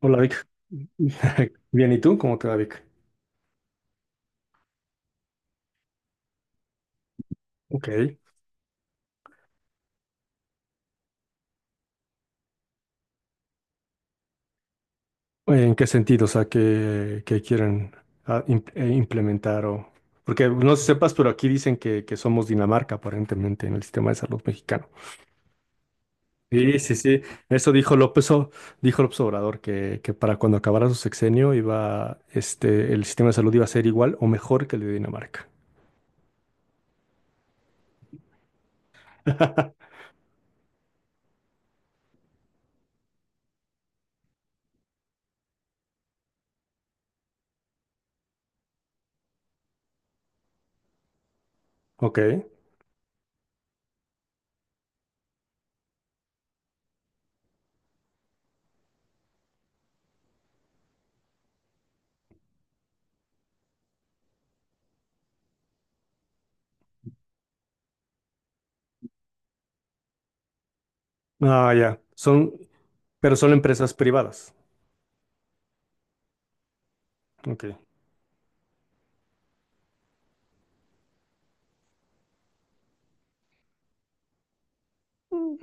Hola Vic. Bien, ¿y tú? ¿Cómo te va, Vic? Ok. ¿En qué sentido? O sea, ¿qué que quieren implementar o... Porque no sé si sepas, pero aquí dicen que somos Dinamarca, aparentemente, en el sistema de salud mexicano. Sí, sí, sí. Eso dijo López Obrador, que para cuando acabara su sexenio iba, el sistema de salud iba a ser igual o mejor que el de Dinamarca. Ok. Ah, ya. Pero son empresas privadas. Ok. Mm.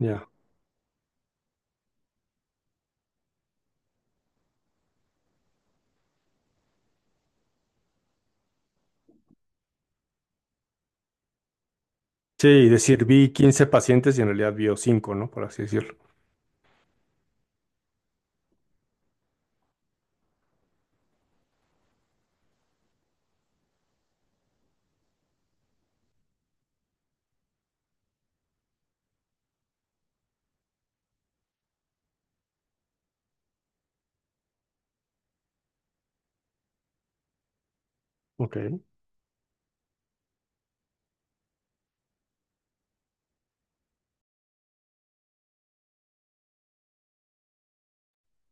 Ya. Sí, decir, vi 15 pacientes y en realidad vio 5, ¿no? Por así decirlo. Ok.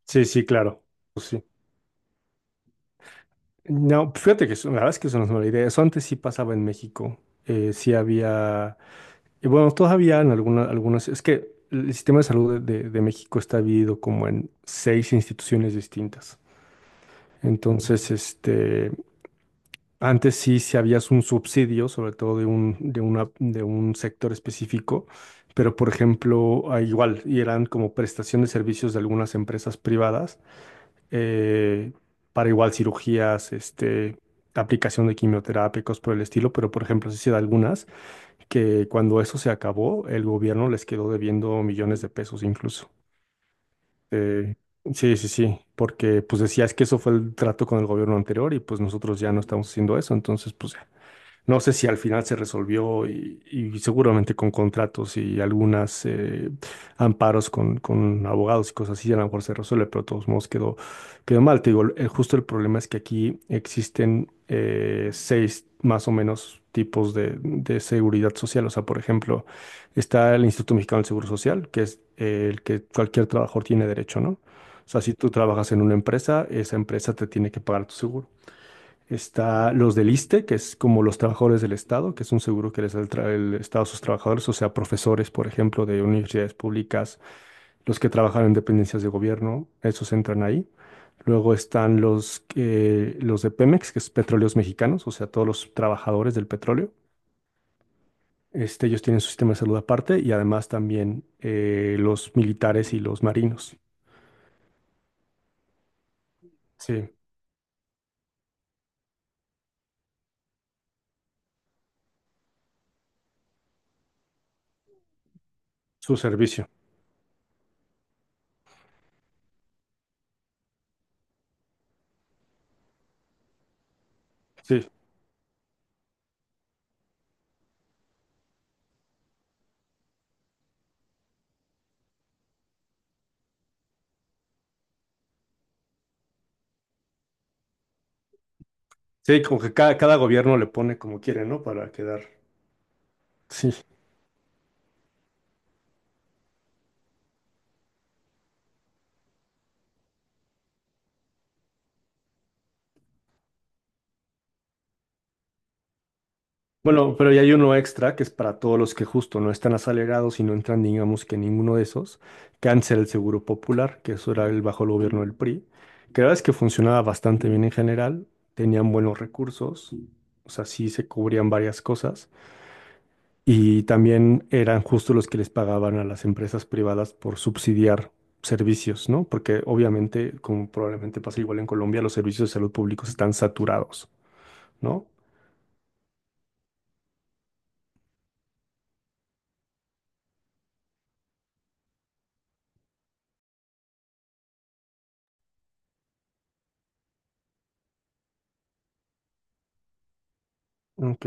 Sí, sí, claro. Pues sí. No, fíjate que la verdad es que eso no es mala idea. Eso antes sí pasaba en México. Sí había, y bueno, todavía en algunas, es que el sistema de salud de México está dividido como en seis instituciones distintas. Entonces, antes sí, habías un subsidio, sobre todo de un sector específico, pero por ejemplo, igual, y eran como prestación de servicios de algunas empresas privadas, eh, para igual cirugías, este, aplicación de quimioterápicos por el estilo, pero por ejemplo, sí se da algunas que cuando eso se acabó, el gobierno les quedó debiendo millones de pesos incluso. Eh, sí, sí, sí, porque pues decías que eso fue el trato con el gobierno anterior y pues nosotros ya no estamos haciendo eso, entonces pues... ya. No sé si al final se resolvió y seguramente con contratos y algunas amparos con abogados y cosas así, a lo mejor se resuelve, pero de todos modos quedó mal. Te digo, justo el problema es que aquí existen seis más o menos tipos de seguridad social. O sea, por ejemplo, está el Instituto Mexicano del Seguro Social, que es el que cualquier trabajador tiene derecho, ¿no? O sea, si tú trabajas en una empresa, esa empresa te tiene que pagar tu seguro. Está los del ISSSTE, que es como los trabajadores del Estado, que es un seguro que les da el Estado a sus trabajadores, o sea, profesores, por ejemplo, de universidades públicas, los que trabajan en dependencias de gobierno, esos entran ahí. Luego están los de Pemex, que es Petróleos Mexicanos, o sea, todos los trabajadores del petróleo. Ellos tienen su sistema de salud aparte y además también los militares y los marinos. Sí, su servicio. Sí, sí, como que cada gobierno le pone como quiere, ¿no? Para quedar. Sí. Bueno, pero ya hay uno extra que es para todos los que justo no están asalariados y no entran, digamos, que en ninguno de esos, cáncer el Seguro Popular, que eso era el bajo el gobierno del PRI, que la verdad es que funcionaba bastante bien en general, tenían buenos recursos, o sea, sí se cubrían varias cosas, y también eran justo los que les pagaban a las empresas privadas por subsidiar servicios, ¿no? Porque obviamente, como probablemente pasa igual en Colombia, los servicios de salud públicos están saturados, ¿no? Ok,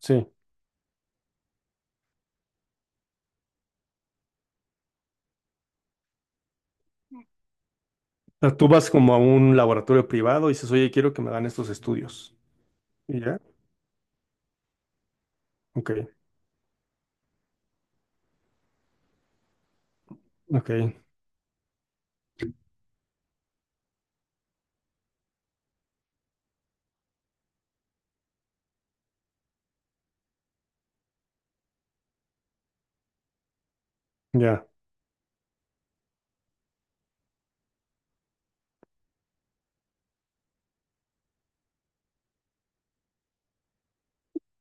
sí. Sea, tú vas como a un laboratorio privado y dices, oye, quiero que me hagan estos estudios. Y ya, ok, ok, ya.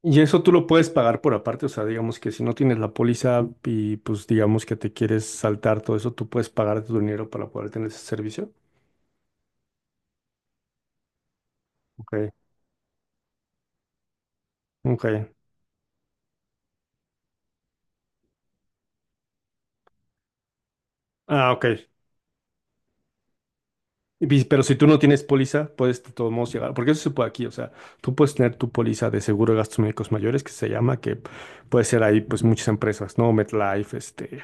Y eso tú lo puedes pagar por aparte, o sea, digamos que si no tienes la póliza y pues digamos que te quieres saltar todo eso, tú puedes pagar tu dinero para poder tener ese servicio. Ok, ok. Ah, ok. Pero si tú no tienes póliza, puedes de todos modos llegar, porque eso se puede aquí, o sea, tú puedes tener tu póliza de seguro de gastos médicos mayores, que se llama, que puede ser ahí pues muchas empresas, ¿no? MetLife,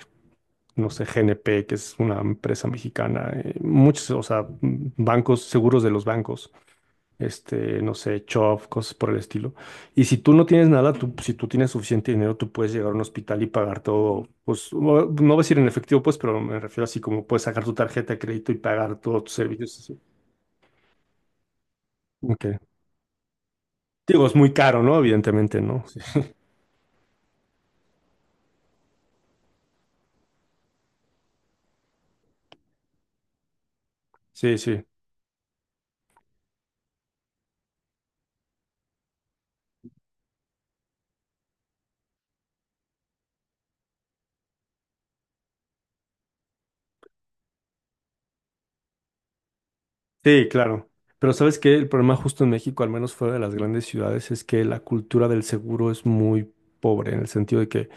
no sé, GNP, que es una empresa mexicana, muchos, o sea, bancos, seguros de los bancos, no sé, Chubb, cosas por el estilo. Y si tú no tienes nada, si tú tienes suficiente dinero, tú puedes llegar a un hospital y pagar todo, pues, no voy a decir en efectivo, pues, pero me refiero así como puedes sacar tu tarjeta de crédito y pagar todos tus servicios. Así. Ok. Digo, es muy caro, ¿no? Evidentemente, ¿no? Sí, sí. Sí. Sí, claro. Pero sabes que el problema justo en México, al menos fuera de las grandes ciudades, es que la cultura del seguro es muy pobre, en el sentido de que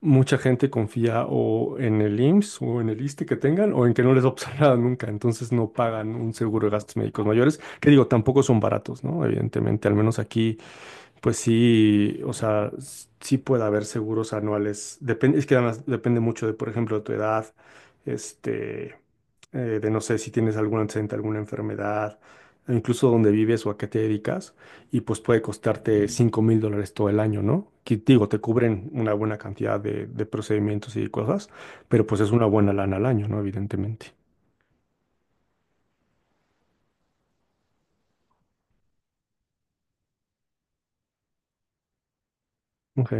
mucha gente confía o en el IMSS o en el ISSSTE que tengan o en que no les va a pasar nada nunca, entonces no pagan un seguro de gastos médicos mayores, que digo, tampoco son baratos, ¿no? Evidentemente, al menos aquí pues sí, o sea, sí puede haber seguros anuales. Depende, es que además depende mucho de, por ejemplo, tu edad, este, de no sé si tienes algún antecedente, alguna enfermedad, e incluso dónde vives o a qué te dedicas, y pues puede costarte 5,000 dólares todo el año, ¿no? Que digo, te cubren una buena cantidad de procedimientos y cosas, pero pues es una buena lana al año, ¿no? Evidentemente. Ok,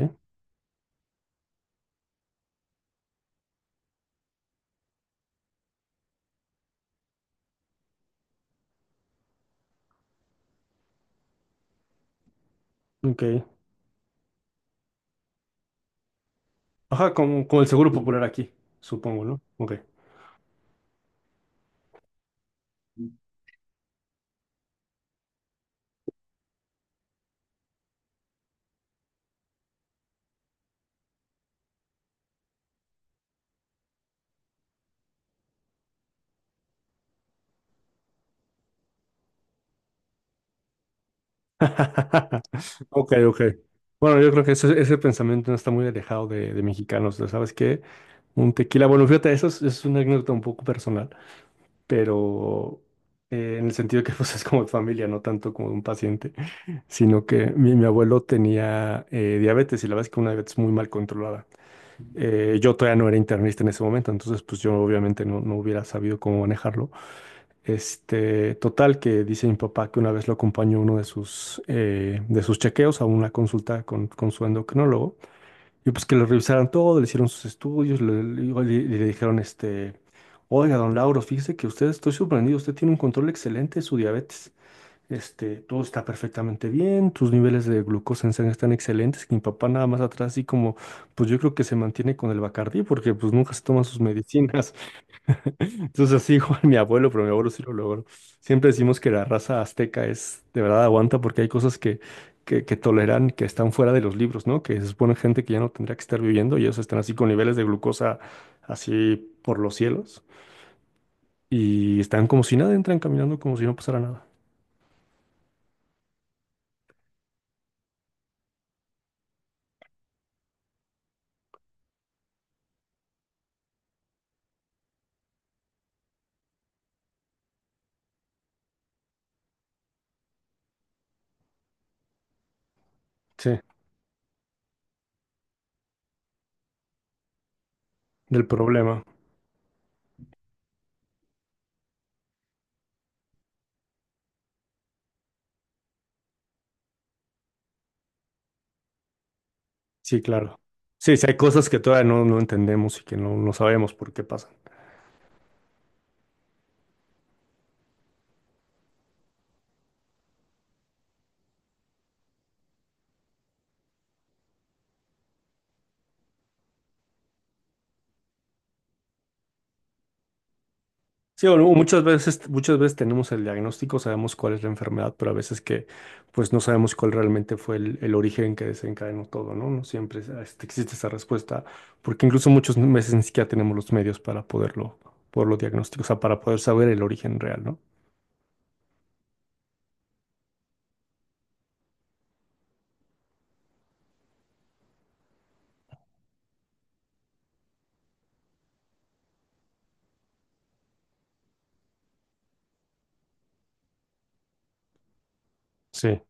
ok. Ajá, como, el seguro popular aquí, supongo, ¿no? Ok. Ok, ok. Bueno, yo creo que ese pensamiento no está muy alejado de mexicanos, ¿no? ¿Sabes qué? Un tequila, bueno, fíjate, eso es una anécdota un poco personal, pero en el sentido que pues es como de familia, no tanto como de un paciente, sino que mi abuelo tenía diabetes y la verdad es que una diabetes muy mal controlada. Yo todavía no era internista en ese momento, entonces pues yo obviamente no, no hubiera sabido cómo manejarlo. Total, que dice mi papá que una vez lo acompañó a uno de sus chequeos, a una consulta con su endocrinólogo, y pues que le revisaron todo, le hicieron sus estudios, le dijeron, oiga, don Lauro, fíjese que usted, estoy sorprendido, usted tiene un control excelente de su diabetes, todo está perfectamente bien, tus niveles de glucosa en sangre están excelentes, que mi papá nada más atrás, así como, pues yo creo que se mantiene con el Bacardí, porque pues nunca se toma sus medicinas. Entonces así igual mi abuelo, pero mi abuelo sí lo logró. Siempre decimos que la raza azteca es de verdad aguanta porque hay cosas que toleran que están fuera de los libros, ¿no? Que se supone gente que ya no tendría que estar viviendo y ellos están así con niveles de glucosa así por los cielos y están como si nada, entran caminando como si no pasara nada. Sí, del problema. Sí, claro. Sí, sí, hay cosas que todavía no entendemos y que no sabemos por qué pasan. Sí, o no, muchas veces tenemos el diagnóstico, sabemos cuál es la enfermedad, pero a veces que pues no sabemos cuál realmente fue el origen que desencadenó todo, ¿no? No siempre existe esa respuesta, porque incluso muchas veces ni siquiera tenemos los medios para poderlo diagnosticar, o sea, para poder saber el origen real, ¿no? Sí,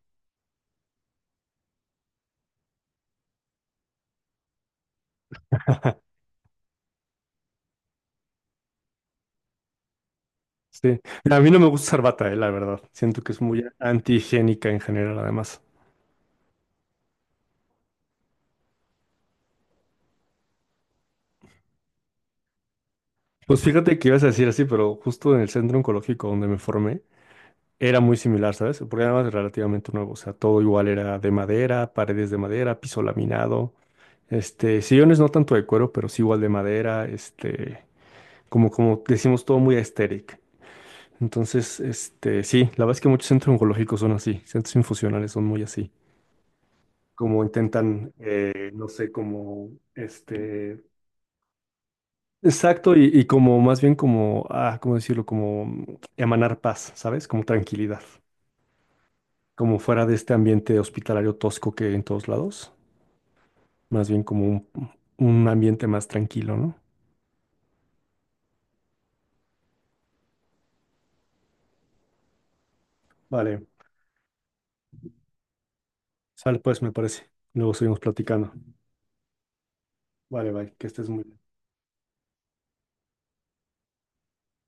sí. A mí no me gusta usar bata, la verdad. Siento que es muy antihigiénica en general, además. Pues fíjate que ibas a decir así, pero justo en el centro oncológico donde me formé, era muy similar, ¿sabes? Porque además es relativamente nuevo, o sea, todo igual era de madera, paredes de madera, piso laminado, sillones no tanto de cuero, pero sí igual de madera, como, decimos, todo muy aesthetic. Entonces, sí, la verdad es que muchos centros oncológicos son así, centros infusionales son muy así, como intentan, no sé, como, exacto, y como más bien como, ¿cómo decirlo? Como emanar paz, ¿sabes? Como tranquilidad. Como fuera de este ambiente hospitalario tosco que hay en todos lados, más bien como un ambiente más tranquilo, ¿no? Vale, sal pues, me parece. Luego seguimos platicando. Vale, bye, que estés muy bien.